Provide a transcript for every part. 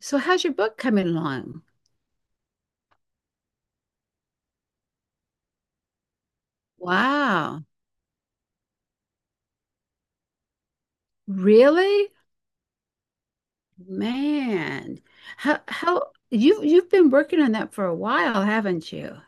So how's your book coming along? Wow. Really? Man. How you've been working on that for a while, haven't you?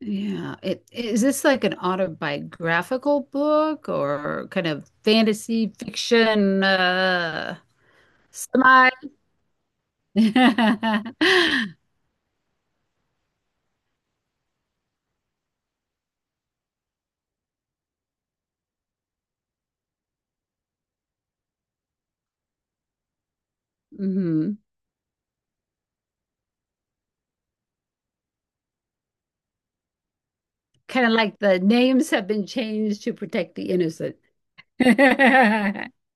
Yeah. It is this like an autobiographical book or kind of fantasy fiction semi? Hmm. Kind of like the names have been changed to protect the innocent.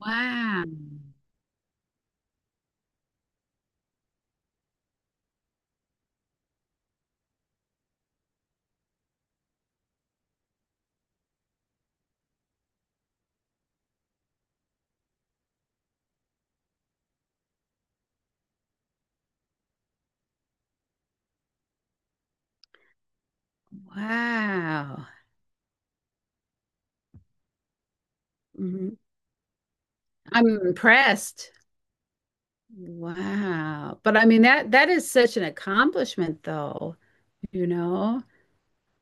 Wow. Wow. Mhm. I'm impressed. Wow. But I mean that is such an accomplishment though, you know.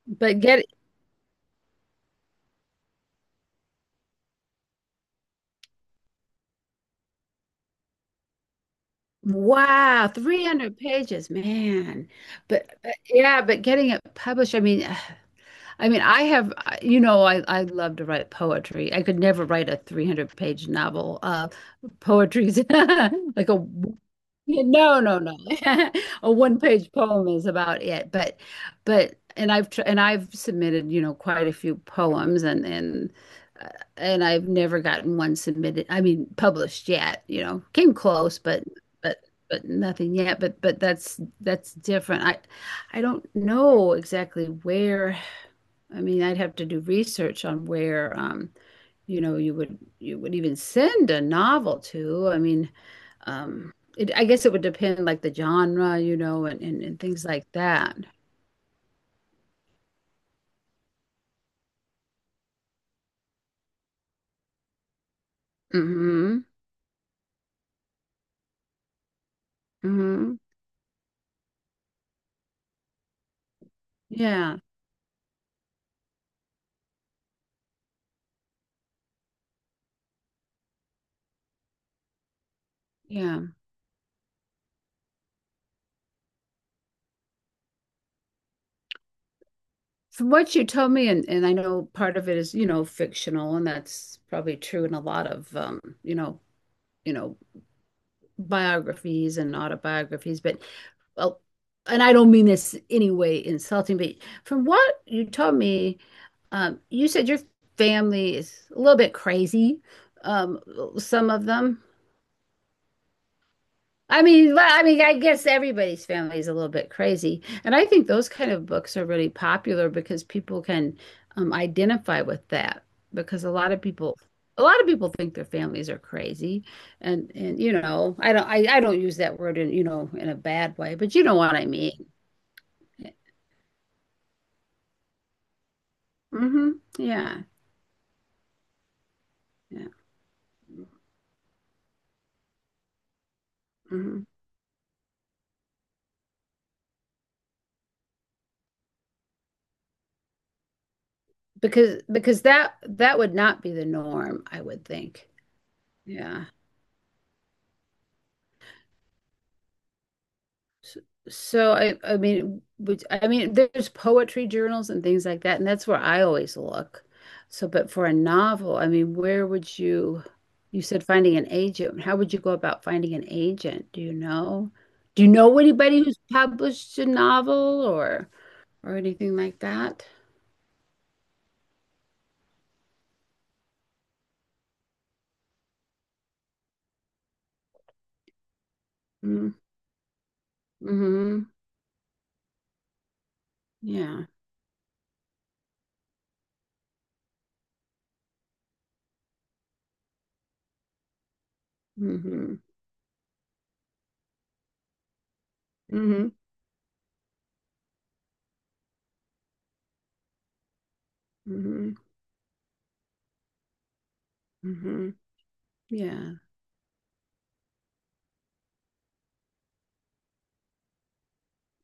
But get wow, 300 pages, man. But yeah, but getting it published, I mean, I mean, I have, you know, I love to write poetry. I could never write a 300-page novel. Poetry's like a yeah, no, no, no. A one-page poem is about it, but and I've submitted, you know, quite a few poems uh, and I've never gotten one submitted. I mean, published yet, you know. Came close, but but nothing yet. But that's different. I don't know exactly where. I mean, I'd have to do research on where you know you would even send a novel to. I mean, it, I guess it would depend like the genre, you know, and things like that. Hmm. Hmm. Yeah. Yeah. From what you told me, and I know part of it is, you know, fictional, and that's probably true in a lot of, you know, biographies and autobiographies, but well, and I don't mean this any way insulting, but from what you told me, you said your family is a little bit crazy, um, some of them. I mean, well, I mean, I guess everybody's family is a little bit crazy. And I think those kind of books are really popular because people can identify with that because a lot of people a lot of people think their families are crazy. And you know, I don't use that word in, you know, in a bad way, but you know what I mean. Hmm. Yeah. Yeah. Hmm. Because that would not be the norm, I would think. Yeah. So I mean which I mean there's poetry journals and things like that and that's where I always look. So but for a novel, I mean where would you you said finding an agent. How would you go about finding an agent? Do you know? Do you know anybody who's published a novel or anything like that? Mm-hmm. Mm-hmm. Yeah. Mm-hmm. Mm-hmm. Mm-hmm. Mm-hmm. Yeah.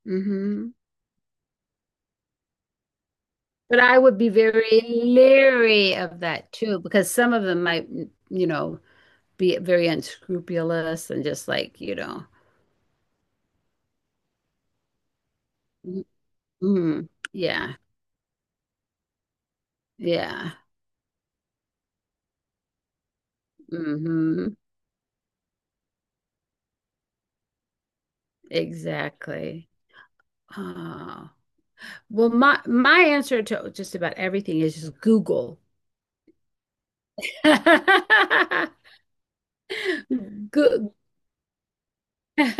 Mm-hmm. But I would be very leery of that too, because some of them might, you know, be very unscrupulous and just like, you know, mm, mm, yeah, yeah, hmm, exactly. Oh. Well, my answer to just about everything is just Google. Go Well,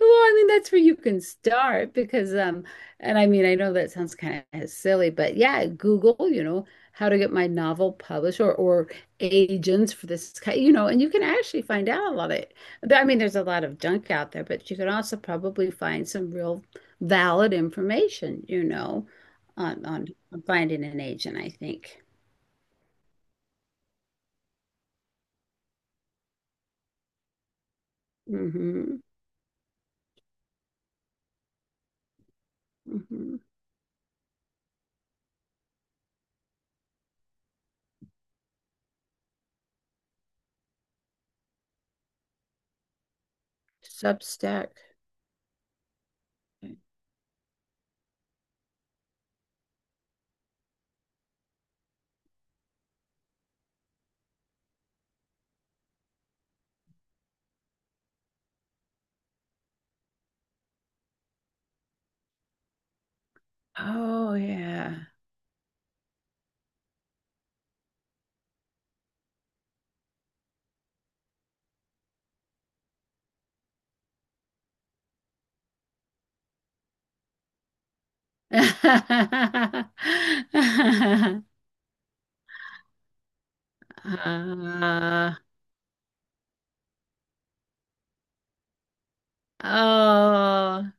I mean, that's where you can start because, and I mean, I know that sounds kind of silly, but yeah, Google, you know, how to get my novel published or agents for this, you know, and you can actually find out a lot of it. But I mean, there's a lot of junk out there, but you can also probably find some real valid information, you know, on finding an agent, I think. Mm-hmm. Mm-hmm. Substack. Oh, yeah. Uh, oh,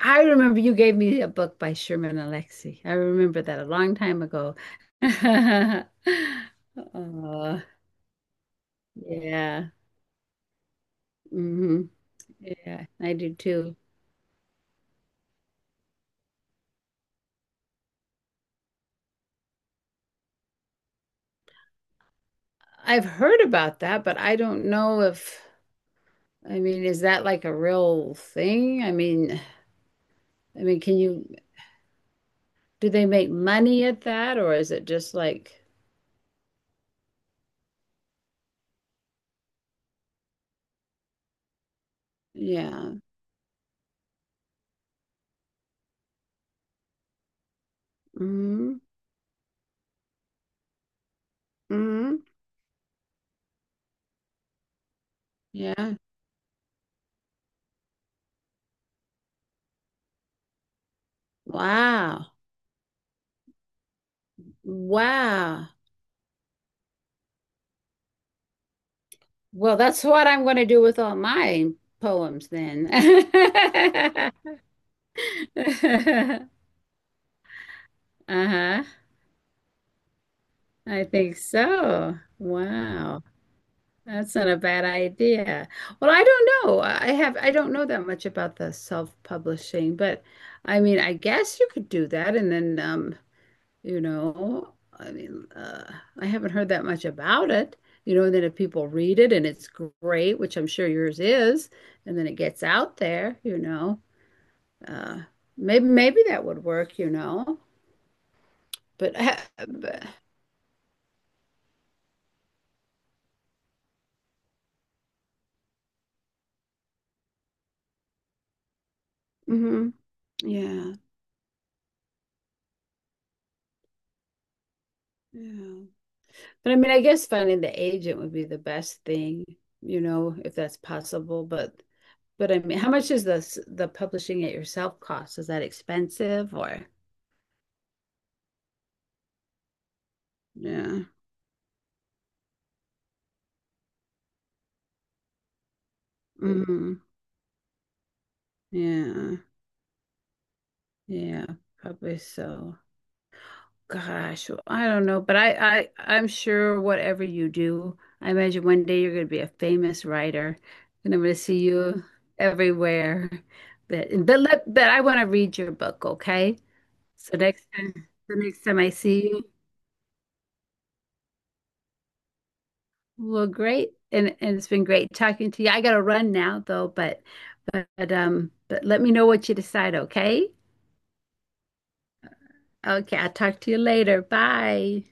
I remember you gave me a book by Sherman Alexie. I remember that a long time ago. Oh, yeah. Hmm. Yeah, I do too. I've heard about that, but I don't know if, I mean, is that like a real thing? I mean, can you, do they make money at that or is it just like, yeah. Hmm? Hmm. Yeah. Wow. Wow. Well, that's what I'm going to do with all my poems then. Uh-huh. I think so. Wow. That's not a bad idea. Well, I don't know. I don't know that much about the self-publishing, but I mean, I guess you could do that and then you know. I mean, I haven't heard that much about it, you know. And then if people read it and it's great, which I'm sure yours is, and then it gets out there, you know, uh, maybe maybe that would work, you know. But, I- but mhm, yeah, yeah. But I mean, I guess finding the agent would be the best thing, you know, if that's possible. But I mean, how much is the the publishing it yourself cost? Is that expensive or? Yeah. Mm-hmm. Yeah. Yeah, probably so. Gosh, well, I don't know, but I'm sure whatever you do, I imagine one day you're going to be a famous writer, and I'm going to see you everywhere. But I want to read your book, okay? So next time, the next time I see you, well, great, and it's been great talking to you. I got to run now though, but, but let me know what you decide, okay? Okay, I'll talk to you later. Bye.